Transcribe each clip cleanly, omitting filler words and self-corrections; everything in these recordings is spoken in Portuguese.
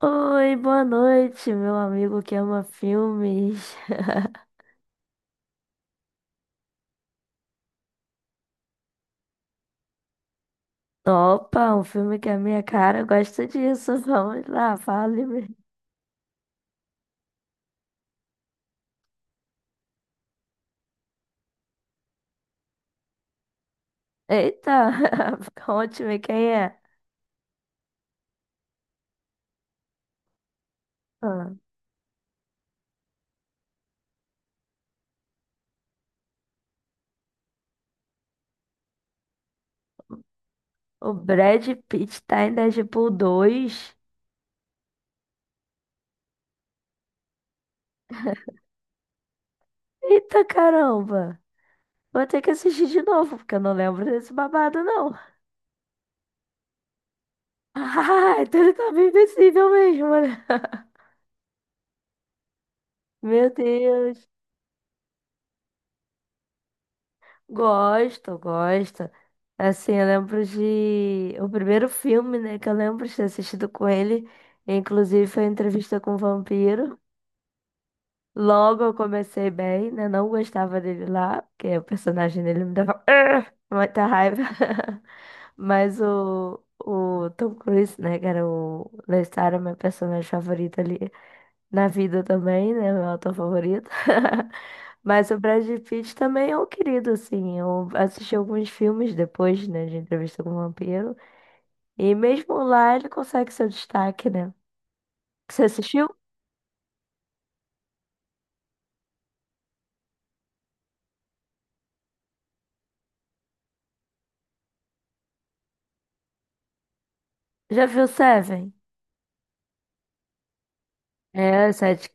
Oi, boa noite, meu amigo que ama filmes. Opa, um filme que é a minha cara gosta disso. Vamos lá, fale-me. Eita, conte-me quem é. Ah, o Brad Pitt tá em Deadpool 2. Eita caramba, vou ter que assistir de novo, porque eu não lembro desse babado, não. Ah, então ele tá bem invisível mesmo, né? Meu Deus. Gosto, gosto. Assim, eu lembro de o primeiro filme, né, que eu lembro de ter assistido com ele, inclusive foi Entrevista com o Vampiro. Logo eu comecei bem, né? Não gostava dele lá, porque o personagem dele me dava "Arr!", muita raiva. Mas o Tom Cruise, né, que era o Lestat, era meu personagem favorito ali. Na vida também, né? Meu ator favorito. Mas o Brad Pitt também é um querido, assim. Eu assisti alguns filmes depois, né, de Entrevista com o Vampiro. E mesmo lá ele consegue seu destaque, né? Você assistiu? Já viu Seven? É, sete.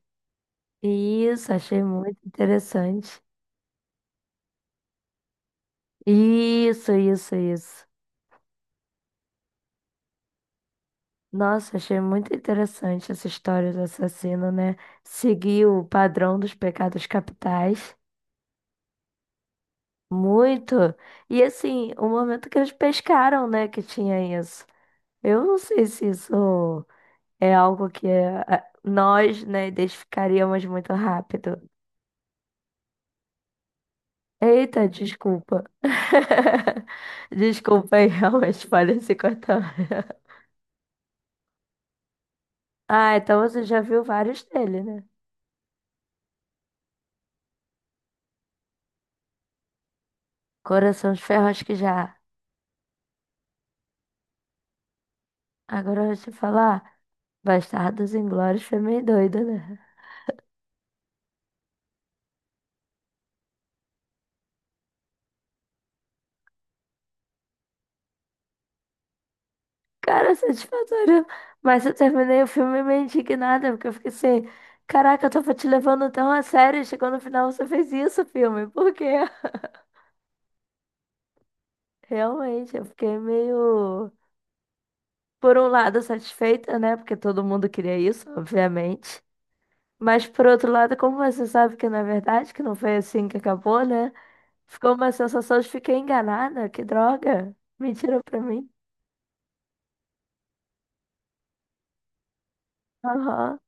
Isso, achei muito interessante. Isso, isso, isso. Nossa, achei muito interessante essa história do assassino, né? Seguir o padrão dos pecados capitais. Muito. E assim, o momento que eles pescaram, né, que tinha isso. Eu não sei se isso é algo que é, nós, né, identificaríamos muito rápido. Eita, desculpa. Desculpa aí, realmente falei cortar. Ah, então você já viu vários dele, né? Coração de Ferro, acho que já. Agora eu vou te falar. Bastardos Inglórios foi meio doido, né? Cara, satisfatório. Mas eu terminei o filme meio indignada, porque eu fiquei assim, caraca, eu tava te levando tão a sério, chegou no final você fez isso, filme. Por quê? Realmente, eu fiquei meio, por um lado, satisfeita, né? Porque todo mundo queria isso, obviamente. Mas por outro lado, como você sabe que na verdade que não foi assim que acabou, né? Ficou uma sensação de fiquei enganada, que droga. Mentira pra mim. Aham.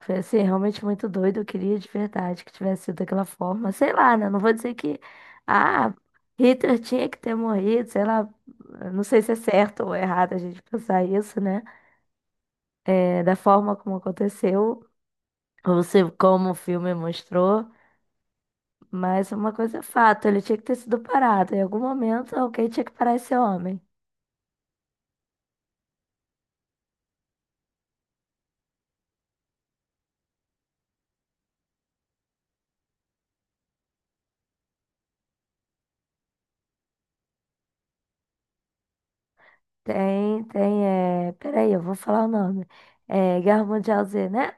Foi assim, realmente muito doido. Eu queria de verdade que tivesse sido daquela forma. Sei lá, né? Não vou dizer que. Ah, Hitler tinha que ter morrido, sei lá. Não sei se é certo ou errado a gente pensar isso, né? É, da forma como aconteceu, ou se como o filme mostrou. Mas uma coisa é fato, ele tinha que ter sido parado. Em algum momento, alguém tinha que parar esse homem. Tem, tem, Peraí, eu vou falar o nome. É Guerra Mundial Z, né?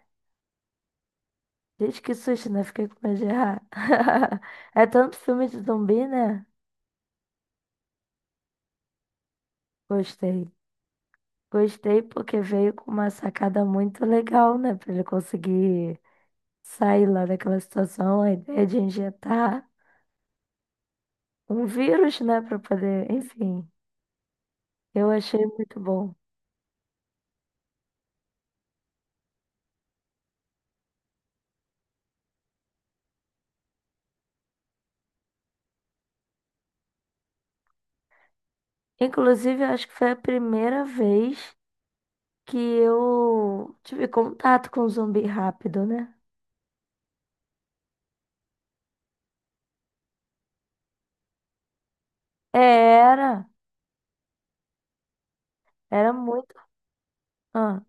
Gente, que susto, né? Fiquei com medo de errar. É tanto filme de zumbi, né? Gostei. Gostei porque veio com uma sacada muito legal, né? Pra ele conseguir sair lá daquela situação, a ideia de injetar um vírus, né? Pra poder, enfim. Eu achei muito bom. Inclusive, eu acho que foi a primeira vez que eu tive contato com zumbi rápido, né? É, era, era muito. Ah,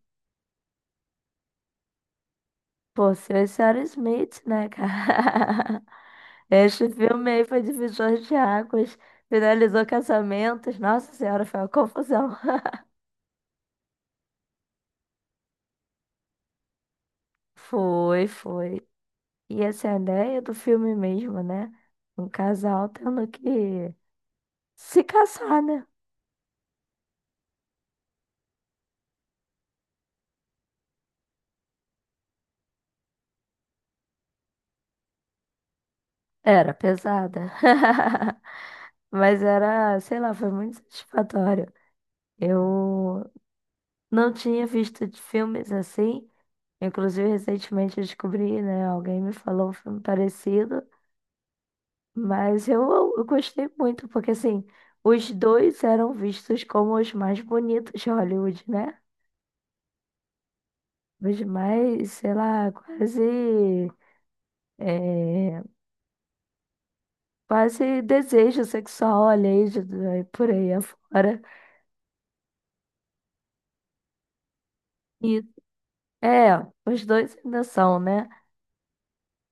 pô, se eu esse era Smith, né, cara? Este filme aí foi divisor de águas, finalizou casamentos. Nossa Senhora, foi uma confusão. Foi, foi. E essa é a ideia do filme mesmo, né? Um casal tendo que se casar, né? Era pesada. Mas era, sei lá, foi muito satisfatório. Eu não tinha visto de filmes assim. Inclusive, recentemente eu descobri, né? Alguém me falou um filme parecido. Mas eu gostei muito, porque assim, os dois eram vistos como os mais bonitos de Hollywood, né? Os mais, sei lá, quase, é, quase desejo sexual, alheio, por aí afora. E é, os dois ainda são, né?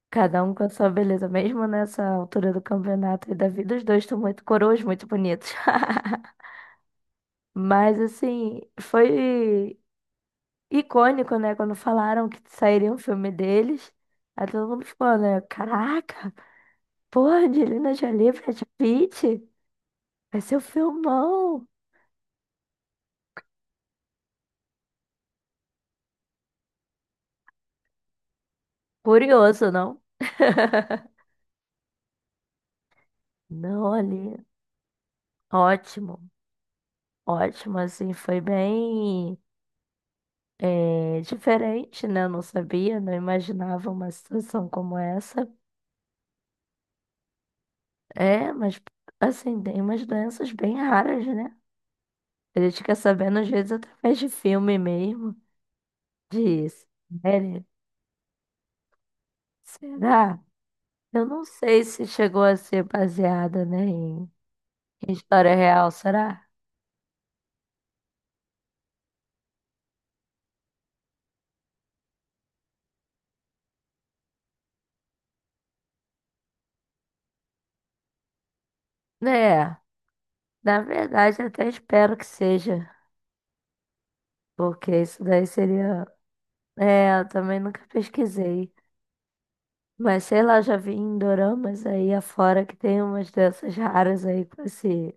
Cada um com a sua beleza, mesmo nessa altura do campeonato e da vida, os dois estão muito coroas, muito bonitos. Mas assim, foi icônico, né? Quando falaram que sairia um filme deles, aí todo mundo ficou, né? Caraca, pô, Angelina Jolie, Brad Pitt, vai ser um filmão. Curioso, não? Não, ali, ótimo, ótimo, assim, foi bem diferente, né? Eu não sabia, não imaginava uma situação como essa. É, mas, assim, tem umas doenças bem raras, né? A gente fica sabendo, às vezes, através de filme mesmo, de série. Será? Eu não sei se chegou a ser baseada, né, em em história real, será? É, na verdade, até espero que seja, porque isso daí seria. É, eu também nunca pesquisei. Mas sei lá, já vi em doramas aí afora que tem umas doenças raras aí com esse.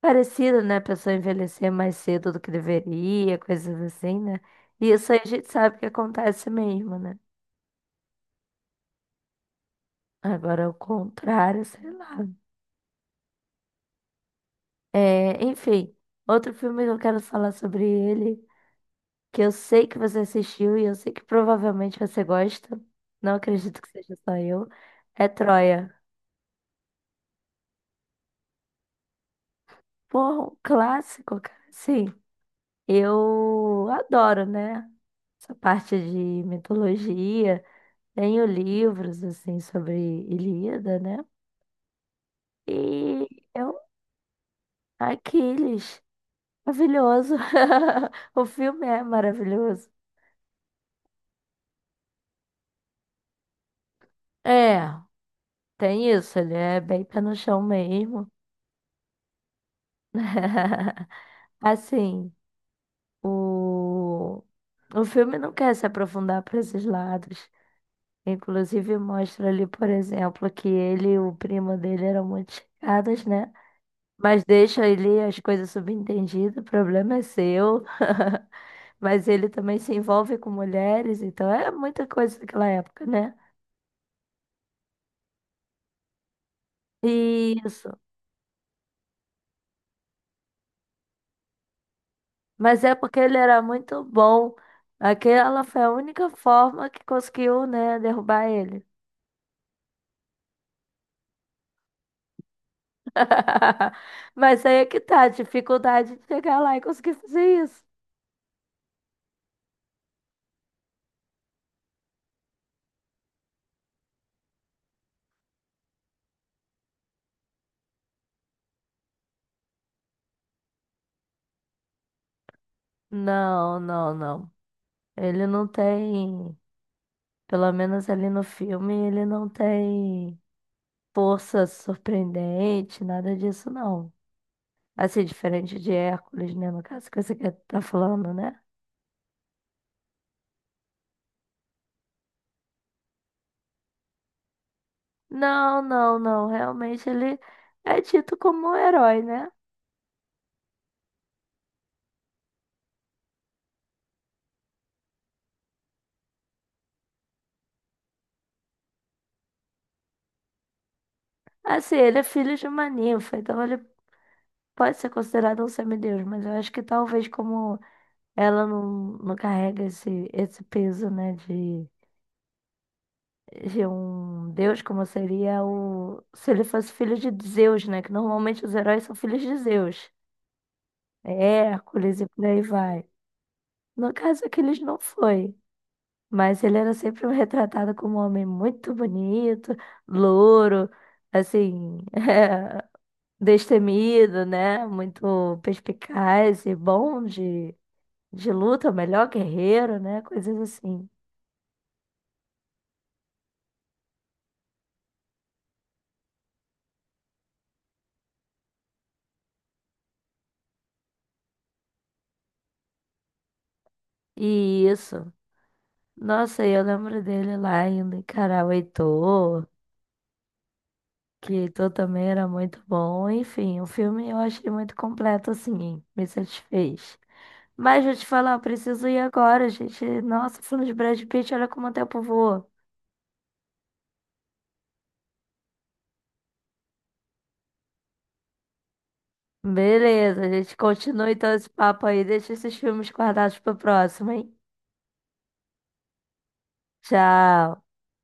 Parecido, né? A pessoa envelhecer mais cedo do que deveria, coisas assim, né? E isso aí a gente sabe que acontece mesmo, né? Agora, o contrário, sei lá. É, enfim, outro filme que eu quero falar sobre ele, que eu sei que você assistiu e eu sei que provavelmente você gosta, não acredito que seja só eu, é Troia. Porra, um clássico, cara. Sim, eu adoro, né? Essa parte de mitologia. Tenho livros, assim, sobre Ilíada, né? E eu, Aquiles, maravilhoso. O filme é maravilhoso. É. Tem isso, ele é bem pé no chão mesmo. Assim, o, o filme não quer se aprofundar para esses lados. Inclusive, mostra ali, por exemplo, que ele e o primo dele eram muito chegados, né? Mas deixa ali as coisas subentendidas, o problema é seu. Mas ele também se envolve com mulheres, então é muita coisa daquela época, né? Isso. Mas é porque ele era muito bom. Aquela foi a única forma que conseguiu, né, derrubar ele. Mas aí é que tá, a dificuldade de chegar lá e conseguir fazer isso. Não, não, não. Ele não tem, pelo menos ali no filme, ele não tem força surpreendente, nada disso não. Assim, diferente de Hércules, né, no caso que você tá falando, né? Não, não, não. Realmente ele é tido como um herói, né? Assim, ele é filho de uma ninfa, então ele pode ser considerado um semideus, mas eu acho que talvez como ela não carrega esse peso, né, de um deus, como seria o... se ele fosse filho de Zeus, né, que normalmente os heróis são filhos de Zeus, é Hércules e por aí vai. No caso, Aquiles não foi, mas ele era sempre retratado como um homem muito bonito, louro, assim, destemido, né? Muito perspicaz e bom de luta, é o melhor guerreiro, né? Coisas assim. E isso. Nossa, e eu lembro dele lá indo encarar o Heitor, que Heitor também era muito bom. Enfim, o filme eu achei muito completo, assim, me satisfez. Mas vou te falar, eu preciso ir agora, gente. Nossa, falando de Brad Pitt, olha como o tempo voa. Beleza, a gente continua então esse papo aí. Deixa esses filmes guardados pro próximo, hein? Tchau.